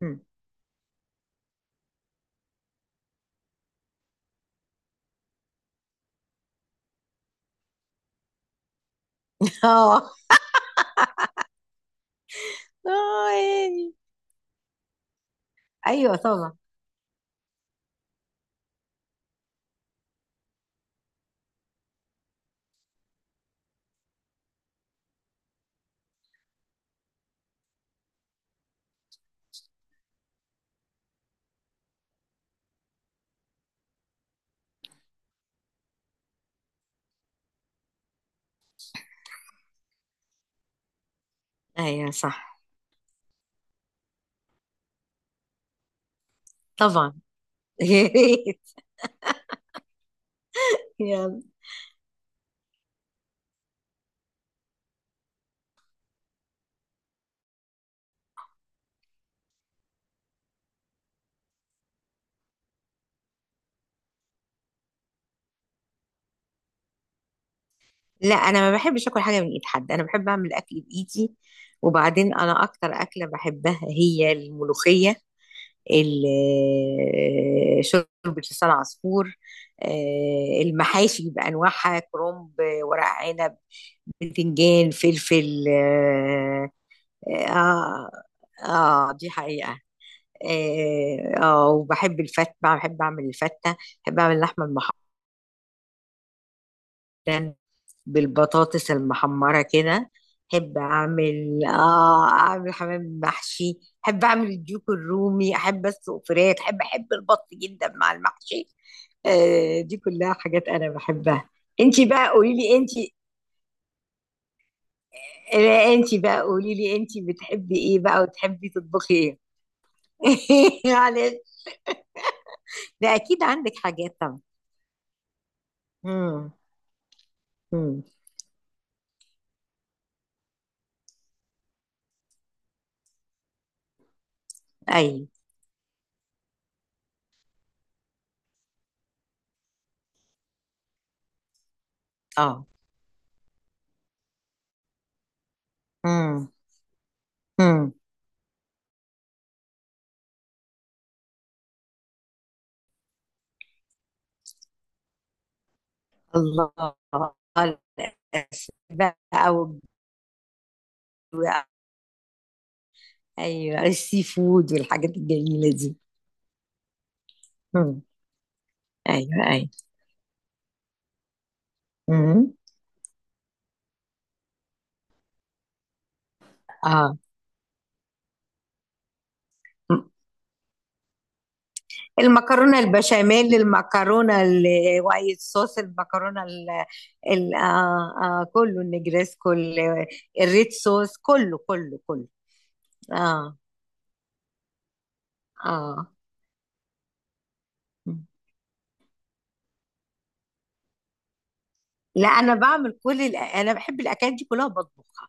مم. اه، اه، يعني، ايوه طبعا. ايوه صح. طبعا. يا ريت. يلا. لا، انا ما بحبش اكل حاجه من ايد حد. انا بحب اعمل اكل بايدي. وبعدين انا اكتر اكله بحبها هي الملوخيه، ال- شوربه لسان عصفور، المحاشي بانواعها: كرنب، ورق عنب، بتنجان، فلفل. اه. اه، دي حقيقه. اه، وبحب الفتة، بحب اعمل الفتة. بحب اعمل اللحمة المحمرة بالبطاطس المحمرة كده. بحب اعمل حمام محشي. بحب اعمل الديك الرومي، احب اسلق فراخ، احب البط جدا مع المحشي. آه، دي كلها حاجات انا بحبها. انتي بقى قولي لي انتي. لا، انتي بقى قولي لي: انتي بتحبي ايه بقى وتحبي تطبخي ايه؟ معلش. ده اكيد عندك حاجات طبعا. امم. امم. ايوه. آه. إمم. إمم. الله! الأسماك بقى، و... أيوه، الsea food والحاجات الجميلة دي. إمم. أيوه، أيوه. إمم. آه. إمم. المكرونة البشاميل، المكرونة الwhite sauce، المكرونة ال ال آه، كُلّه النجريسكو، الred sauce كُلّه، كُلّه، كُلّه. آه، آه. إمم. لأ، أنا باعمل كل أنا باحب الأكلات دي كلّها، باطبخها،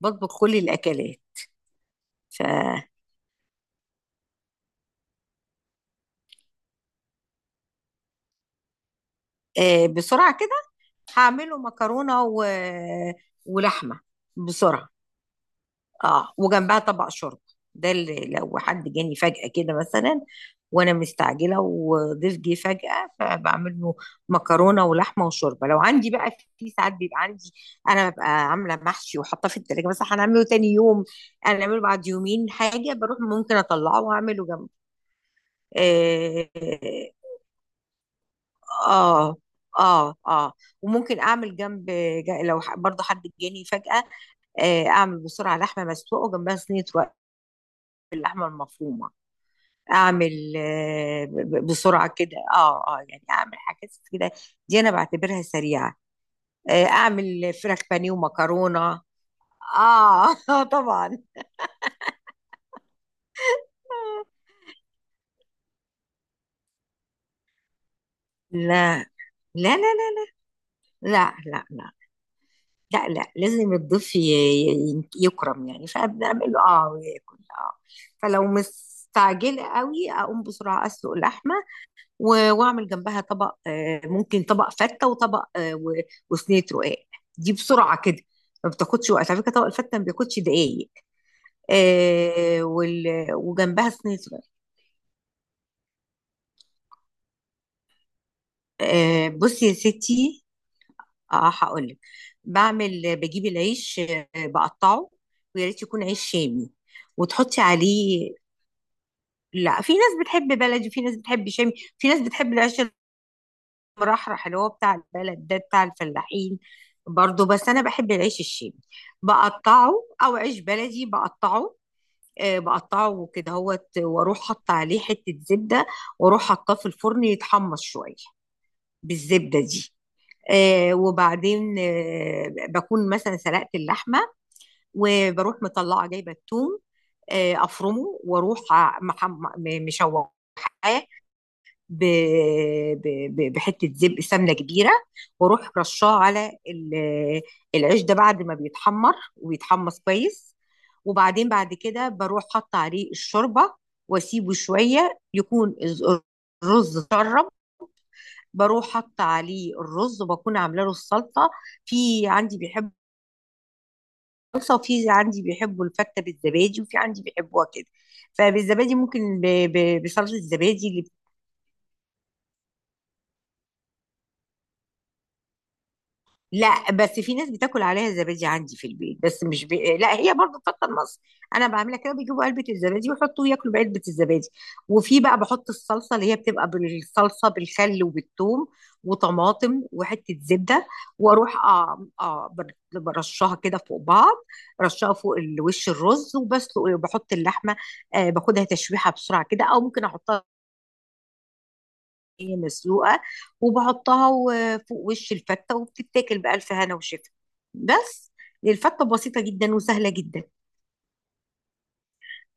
باطبخ كل الأكلات. ف بسرعة كده هعمله مكرونة ولحمة بسرعة. اه، وجنبها طبق شوربة. ده اللي لو حد جاني فجأة كده مثلا وانا مستعجلة وضيف جه فجأة، فبعمل له مكرونة ولحمة وشوربة لو عندي بقى. في ساعات بيبقى عندي، انا ببقى عاملة محشي وحاطاه في التلاجة بس هنعمله تاني يوم، هنعمله بعد يومين حاجة. بروح ممكن اطلعه واعمله جنبه. اه، اه، اه، وممكن اعمل جنب، برضه حد جاني فجأة، اعمل بسرعة لحمة مسلوقة وجنبها صينية رق باللحمة المفرومة. اعمل بسرعة كده، اه، اه، يعني اعمل حاجات كده. دي انا بعتبرها سريعة. اعمل فراخ بانيه ومكرونة. اه، طبعا. لا، لا، لا، لا، لا، لا، لا، لا، لا، لازم الضيف يكرم يعني، فبنعمل له اه وياكل اه. فلو مستعجله قوي، اقوم بسرعه اسلق اللحمه واعمل جنبها طبق، ممكن طبق فته وطبق، وصينيه رقاق. دي بسرعه كده، ما بتاخدش وقت على فكره. طبق الفته ما بياخدش دقايق. وجنبها صينيه رقاق. بصي يا ستي. اه، هقول لك: بجيب العيش، بقطعه، ويا ريت يكون عيش شامي، وتحطي عليه. لا، في ناس بتحب بلدي، في ناس بتحب شامي، في ناس بتحب العيش المرحرح اللي هو بتاع البلد ده، بتاع الفلاحين برضو. بس انا بحب العيش الشامي، بقطعه، او عيش بلدي بقطعه. بقطعه كده هوت، واروح حط عليه حتة زبدة، واروح حطاه في الفرن يتحمص شوية بالزبدة دي. وبعدين بكون مثلا سلقت اللحمة، وبروح مطلعة جايبة الثوم، افرمه واروح مشوحاه ب... بحته زبق سمنه كبيره، واروح رشاه على العيش ده بعد ما بيتحمر ويتحمص كويس. وبعدين بعد كده بروح حاطه عليه الشوربه، واسيبه شويه يكون الرز اتشرب. بروح حاطه عليه الرز، وبكون عامله له السلطه. في عندي بيحب الصلصه، وفي عندي بيحبوا الفته بالزبادي، وفي عندي بيحبوها كده. فبالزبادي ممكن بصلصه الزبادي اللي... لا، بس في ناس بتاكل عليها زبادي عندي في البيت، بس مش لا، هي برضه بتفضل مصر. انا بعملها كده: بيجيبوا علبه الزبادي ويحطوا ياكلوا بعلبه الزبادي. وفي بقى بحط الصلصه، اللي هي بتبقى بالصلصه بالخل وبالثوم وطماطم وحته زبده، واروح برشها كده فوق بعض، رشها فوق الوش الرز. وبسلق بحط اللحمه، باخدها تشويحه بسرعه كده، او ممكن احطها هي مسلوقة، وبحطها فوق وش الفتة، وبتتاكل بألف هنا وشفا. بس الفتة بسيطة جدا وسهلة جدا.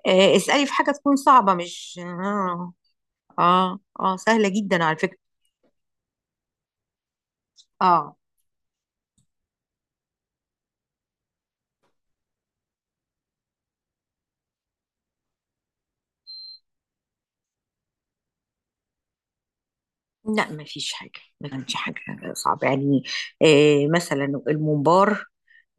اسألي في حاجة تكون صعبة، مش اه. اه، آه، سهلة جدا على فكرة. اه، لا ما فيش حاجة، ما كانش حاجة صعبة يعني. آه، مثلا الممبار،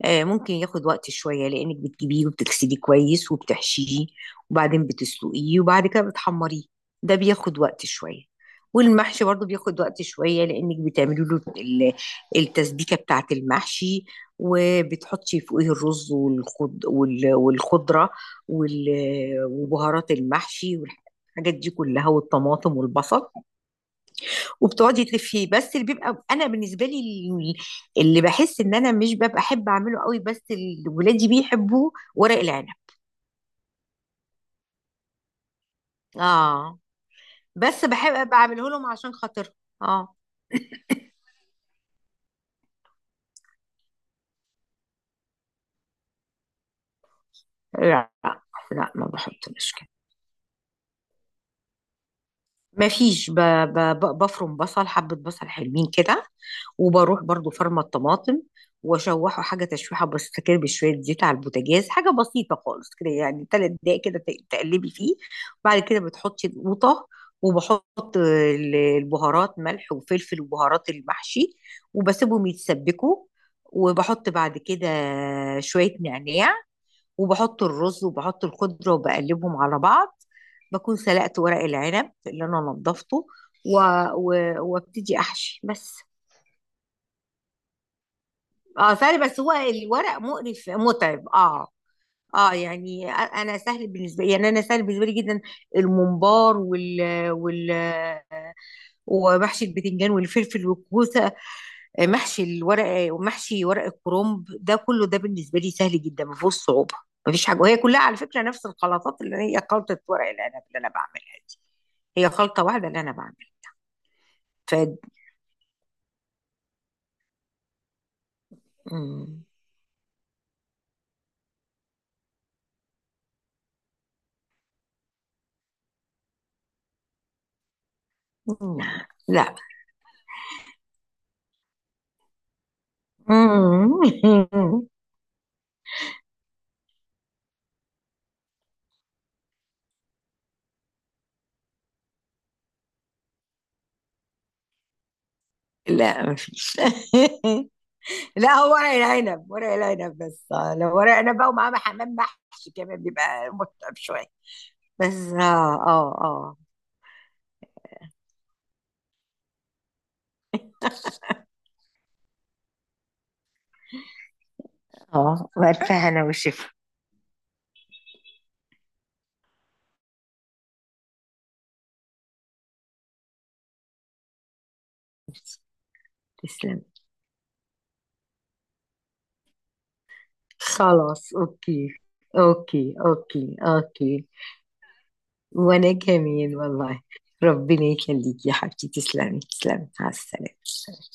آه ممكن ياخد وقت شوية لأنك بتجيبيه وبتغسليه كويس وبتحشيه، وبعدين بتسلقيه، وبعد كده بتحمريه. ده بياخد وقت شوية. والمحشي برضو بياخد وقت شوية، لأنك بتعملي له التسبيكة بتاعة المحشي، وبتحطي فوقيه الرز والخض والخضرة وبهارات المحشي والحاجات دي كلها والطماطم والبصل، وبتقعدي تلفيه. بس اللي بيبقى انا بالنسبه لي، ال- اللي بحس ان انا مش ببقى احب اعمله قوي، بس ولادي بيحبوه: ورق العنب. اه، بس بحب بعمله لهم عشان خاطر. اه. لا، لا، لا، ما بحطش. مفيش ب... بفرم بصل. حبة بصل حلوين كده، وبروح برضو فرمة الطماطم، واشوحه حاجة تشويحة بسيطة كده بشوية زيت على البوتاجاز، حاجة بسيطة خالص كده. يعني تلات دقايق كده تقلبي فيه. بعد كده بتحطي القوطة، وبحط البهارات: ملح وفلفل وبهارات المحشي، وبسيبهم يتسبكوا. وبحط بعد كده شوية نعناع، وبحط الرز وبحط الخضرة وبقلبهم على بعض. بكون سلقت ورق العنب اللي انا نضفته، و... وابتدي احشي بس. اه، سهل بس هو الورق مقرف متعب. اه، اه، يعني انا سهل بالنسبه لي، يعني انا سهل بالنسبه لي جدا: الممبار وال وال ومحشي البتنجان والفلفل والكوسه، محشي الورق، ومحشي ورق الكرنب، ده كله ده بالنسبه لي سهل جدا، ما فيهوش صعوبه. ما فيش حاجه. وهي كلها على فكره نفس الخلطات، اللي هي خلطه ورق العنب اللي انا بعملها دي، هي خلطه واحده اللي انا بعملها. ف مم. لا. مم. لا، ما فيش. لا، هو ورق العنب، ورق العنب بس. لو ورق عنب بقى ومعاه حمام محشي كمان، بيبقى متعب شويه بس. اه، اه، اه. اه، وألف هنا وشفا. تسلم. خلاص. اوكي. اوكي، اوكي، اوكي. وانا كمان والله. ربنا يخليكي يا حبيبتي. تسلمي، تسلمي. مع السلامة.